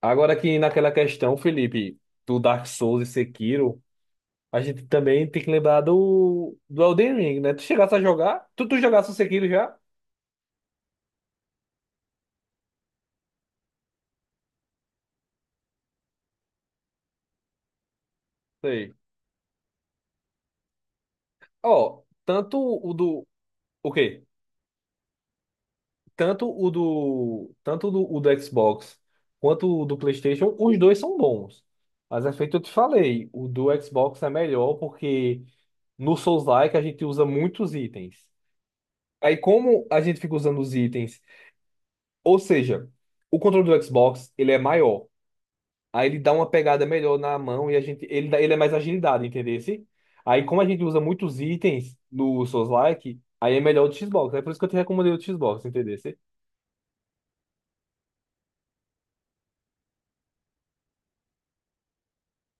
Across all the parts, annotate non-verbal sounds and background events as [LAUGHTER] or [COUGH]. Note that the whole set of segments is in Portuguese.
Agora que naquela questão, Felipe, do Dark Souls e Sekiro, a gente também tem que lembrar do Elden Ring, né? Tu chegasse a jogar? Tu jogasse o Sekiro já? Sei. Ó, tanto o do. O quê? Tanto o do. Tanto do, o do Xbox quanto o do PlayStation, os dois são bons. Mas é feito, eu te falei, o do Xbox é melhor porque no Souls-like a gente usa muitos itens. Aí, como a gente fica usando os itens. Ou seja, o controle do Xbox, ele é maior. Aí ele dá uma pegada melhor na mão e a gente, ele, ele é mais agilidade, entendeu? Aí como a gente usa muitos itens no Souls-like, aí é melhor o do Xbox. É por isso que eu te recomendei o do Xbox, entendeu?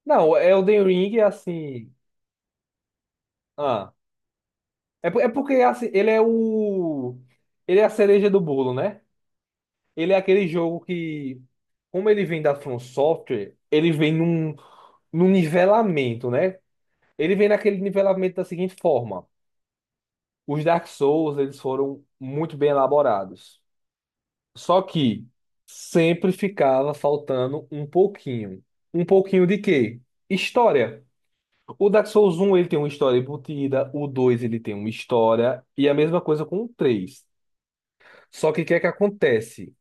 Não, é o Elden Ring é assim. Ah, é, é porque assim, ele é o. Ele é a cereja do bolo, né? Ele é aquele jogo que, como ele vem da From Software, ele vem num nivelamento, né? Ele vem naquele nivelamento da seguinte forma. Os Dark Souls, eles foram muito bem elaborados. Só que sempre ficava faltando um pouquinho. Um pouquinho de quê? História. O Dark Souls um ele tem uma história embutida, o 2 ele tem uma história, e a mesma coisa com o 3. Só que o que é que acontece?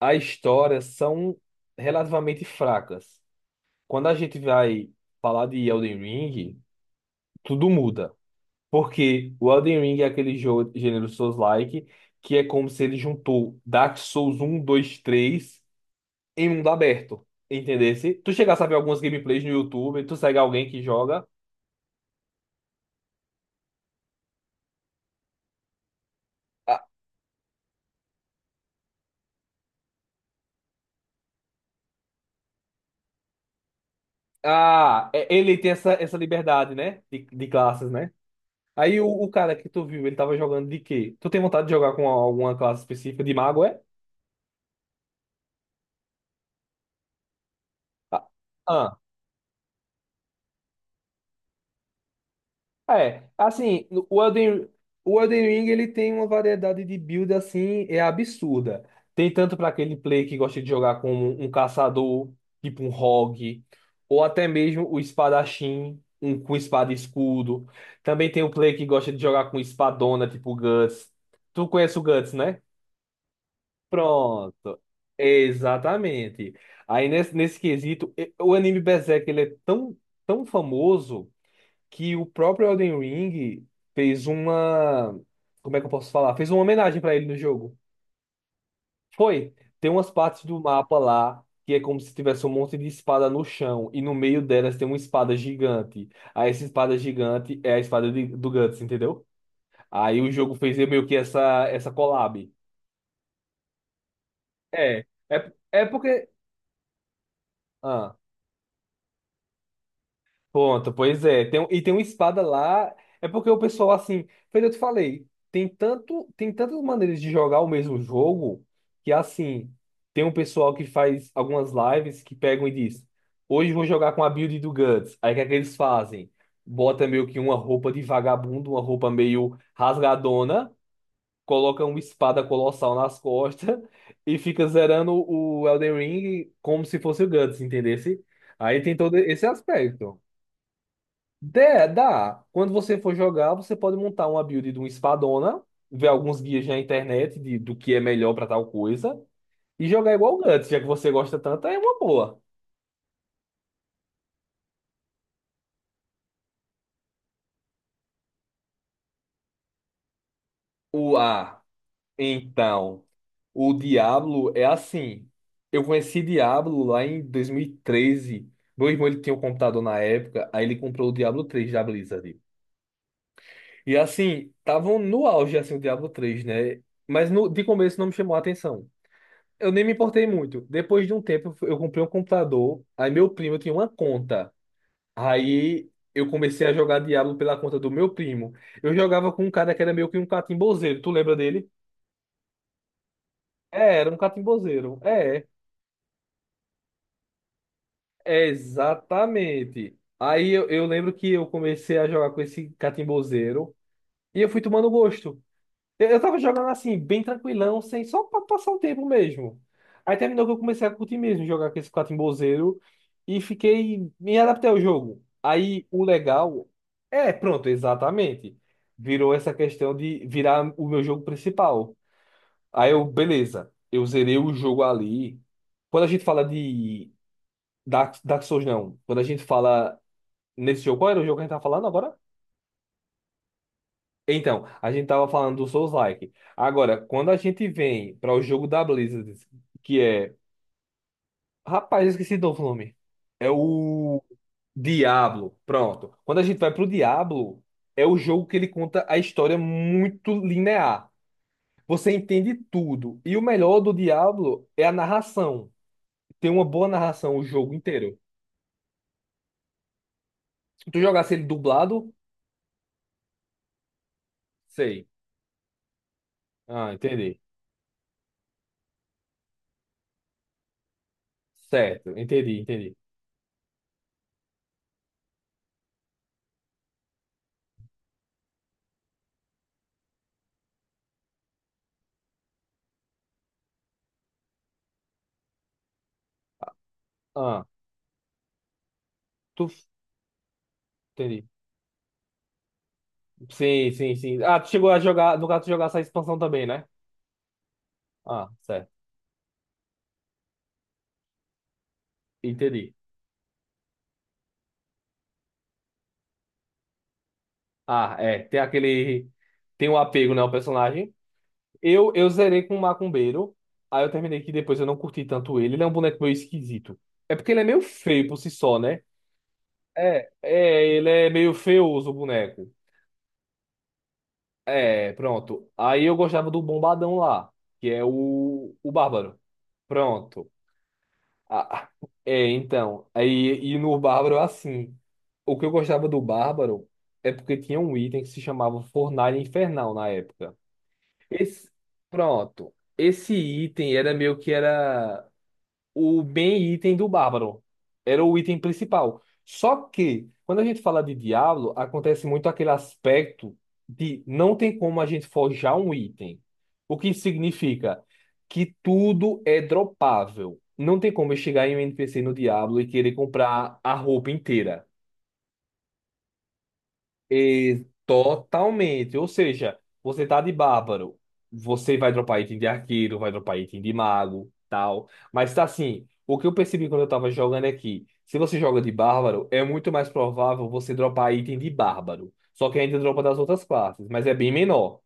As histórias são relativamente fracas. Quando a gente vai falar de Elden Ring, tudo muda. Porque o Elden Ring é aquele jogo gênero Souls-like, que é como se ele juntou Dark Souls um, 2, 3 em mundo aberto. Entendesse? Tu chegasse a ver algumas gameplays no YouTube, tu segue alguém que joga. Ah, ah, ele tem essa liberdade, né? De classes, né? Aí o cara que tu viu, ele tava jogando de quê? Tu tem vontade de jogar com alguma classe específica de mago, é? Ah, ah. É, assim, o Elden Ring ele tem uma variedade de build assim, é absurda. Tem tanto para aquele play que gosta de jogar como um caçador, tipo um rogue, ou até mesmo o espadachim, um com espada e escudo. Também tem o play que gosta de jogar com espadona, tipo o Guts. Tu conhece o Guts, né? Pronto. Exatamente. Aí nesse quesito, o anime Berserk ele é tão, tão famoso que o próprio Elden Ring fez uma. Como é que eu posso falar? Fez uma homenagem pra ele no jogo. Foi. Tem umas partes do mapa lá que é como se tivesse um monte de espada no chão e no meio delas tem uma espada gigante. Aí essa espada gigante é a espada do Guts, entendeu? Aí o jogo fez meio que essa collab. É. É, é porque. Ah. Ponto, pois é. Tem, e tem uma espada lá. É porque o pessoal, assim, foi o que eu te falei, tem tantas maneiras de jogar o mesmo jogo que, assim, tem um pessoal que faz algumas lives que pegam e diz: Hoje eu vou jogar com a build do Guts. Aí o que é que eles fazem? Bota meio que uma roupa de vagabundo, uma roupa meio rasgadona, coloca uma espada colossal nas costas [LAUGHS] e fica zerando o Elden Ring como se fosse o Guts, entendesse? Aí tem todo esse aspecto. Dé, dá. Quando você for jogar, você pode montar uma build de um espadona, ver alguns guias na internet de, do que é melhor pra tal coisa, e jogar igual o Guts, já que você gosta tanto, é uma boa. O A, então, o Diablo é assim. Eu conheci Diablo lá em 2013. Meu irmão ele tinha um computador na época, aí ele comprou o Diablo 3 da Blizzard. E assim, estavam no auge assim, o Diablo três, né? Mas no, de começo não me chamou a atenção. Eu nem me importei muito. Depois de um tempo, eu comprei um computador. Aí meu primo tinha uma conta. Aí eu comecei a jogar Diablo pela conta do meu primo. Eu jogava com um cara que era meio que um catimbozeiro. Tu lembra dele? É, era um catimbozeiro. É, é exatamente. Aí eu lembro que eu comecei a jogar com esse catimbozeiro. E eu fui tomando gosto. Eu tava jogando assim, bem tranquilão, sem, só pra passar o tempo mesmo. Aí terminou que eu comecei a curtir mesmo, jogar com esse catimbozeiro e fiquei, me adaptei ao jogo. Aí o legal, é, pronto, exatamente. Virou essa questão de virar o meu jogo principal. Aí eu, beleza, eu zerei o jogo ali. Quando a gente fala de Dark Souls, não. Quando a gente fala nesse jogo, qual era o jogo que a gente tava falando agora? Então, a gente tava falando do Souls-like. Agora, quando a gente vem para o jogo da Blizzard, que é. Rapaz, eu esqueci do nome. É o Diablo. Pronto. Quando a gente vai pro Diablo, é o jogo que ele conta a história muito linear. Você entende tudo. E o melhor do Diablo é a narração. Tem uma boa narração o jogo inteiro. Se tu jogasse ele dublado, sei. Ah, entendi. Certo, entendi, entendi. Ah, tu. Entendi. Sim, sim, sim. Ah, tu chegou a jogar, no caso, tu jogar essa expansão também, né? Ah, certo. Entendi. Ah, é. Tem aquele. Tem um apego, né, ao personagem. Eu zerei com o Macumbeiro. Aí eu terminei que depois eu não curti tanto ele. Ele é um boneco meio esquisito. É porque ele é meio feio por si só, né? É, é, ele é meio feioso o boneco. É, pronto. Aí eu gostava do Bombadão lá, que é o Bárbaro. Pronto. Ah, é, então. Aí, e no Bárbaro, assim. O que eu gostava do Bárbaro é porque tinha um item que se chamava Fornalha Infernal na época. Esse, pronto. Esse item era meio que era o bem item do bárbaro. Era o item principal. Só que, quando a gente fala de Diablo, acontece muito aquele aspecto de não tem como a gente forjar um item. O que significa que tudo é dropável. Não tem como eu chegar em um NPC no Diablo e querer comprar a roupa inteira. E totalmente. Ou seja, você tá de bárbaro. Você vai dropar item de arqueiro, vai dropar item de mago, tal. Mas tá assim, o que eu percebi quando eu tava jogando é que, se você joga de bárbaro, é muito mais provável você dropar item de bárbaro. Só que ainda dropa das outras classes, mas é bem menor.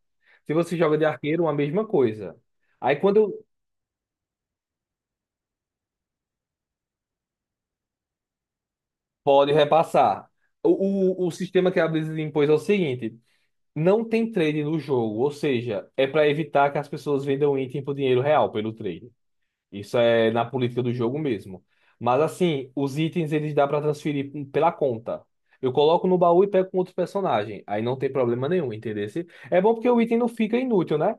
Se você joga de arqueiro, a mesma coisa. Aí quando eu- Pode repassar. O, o sistema que a Blizzard impôs é o seguinte. Não tem trade no jogo, ou seja, é para evitar que as pessoas vendam item por dinheiro real pelo trade. Isso é na política do jogo mesmo. Mas assim, os itens eles dá para transferir pela conta. Eu coloco no baú e pego com outro personagem. Aí não tem problema nenhum, entendeu? É bom porque o item não fica inútil, né?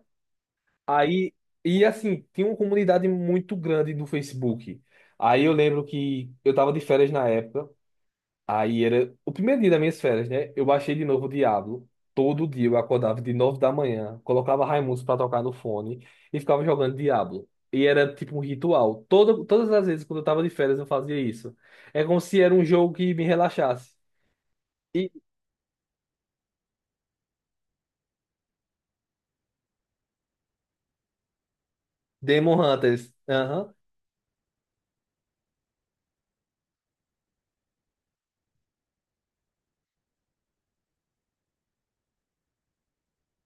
Aí, e assim, tem uma comunidade muito grande no Facebook. Aí eu lembro que eu tava de férias na época. Aí era o primeiro dia das minhas férias, né? Eu baixei de novo o Diablo. Todo dia eu acordava de 9 da manhã, colocava Raimundos pra tocar no fone e ficava jogando Diablo. E era tipo um ritual. Toda, todas as vezes quando eu tava de férias eu fazia isso. É como se era um jogo que me relaxasse. E Demon Hunters. Aham.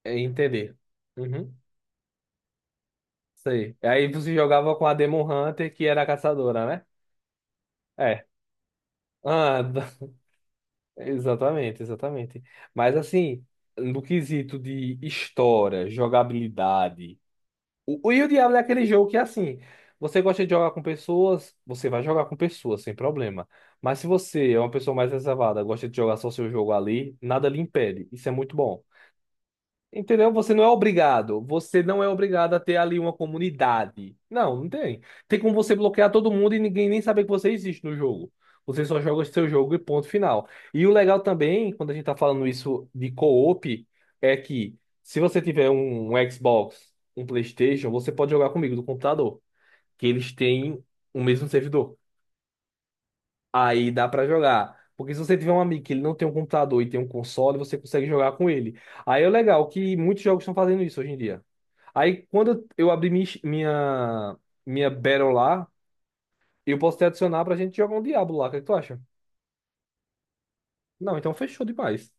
É entender. Uhum. Sei. Aí você jogava com a Demon Hunter, que era a caçadora, né? É. Ah, [LAUGHS] exatamente, exatamente. Mas assim, no quesito de história, jogabilidade. O Diablo é aquele jogo que assim, você gosta de jogar com pessoas, você vai jogar com pessoas sem problema. Mas se você é uma pessoa mais reservada, gosta de jogar só seu jogo ali, nada lhe impede. Isso é muito bom. Entendeu? Você não é obrigado. Você não é obrigado a ter ali uma comunidade. Não, não tem. Tem como você bloquear todo mundo e ninguém nem saber que você existe no jogo. Você só joga o seu jogo e ponto final. E o legal também, quando a gente tá falando isso de co-op, é que se você tiver um Xbox, um PlayStation, você pode jogar comigo do computador, que eles têm o mesmo servidor. Aí dá pra jogar. Porque se você tiver um amigo que ele não tem um computador e tem um console, você consegue jogar com ele. Aí é legal que muitos jogos estão fazendo isso hoje em dia. Aí quando eu abrir minha Battle lá, eu posso te adicionar pra gente jogar um Diablo lá. O que é que tu acha? Não, então fechou demais.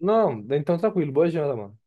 Não, então tranquilo. Boa janta, mano.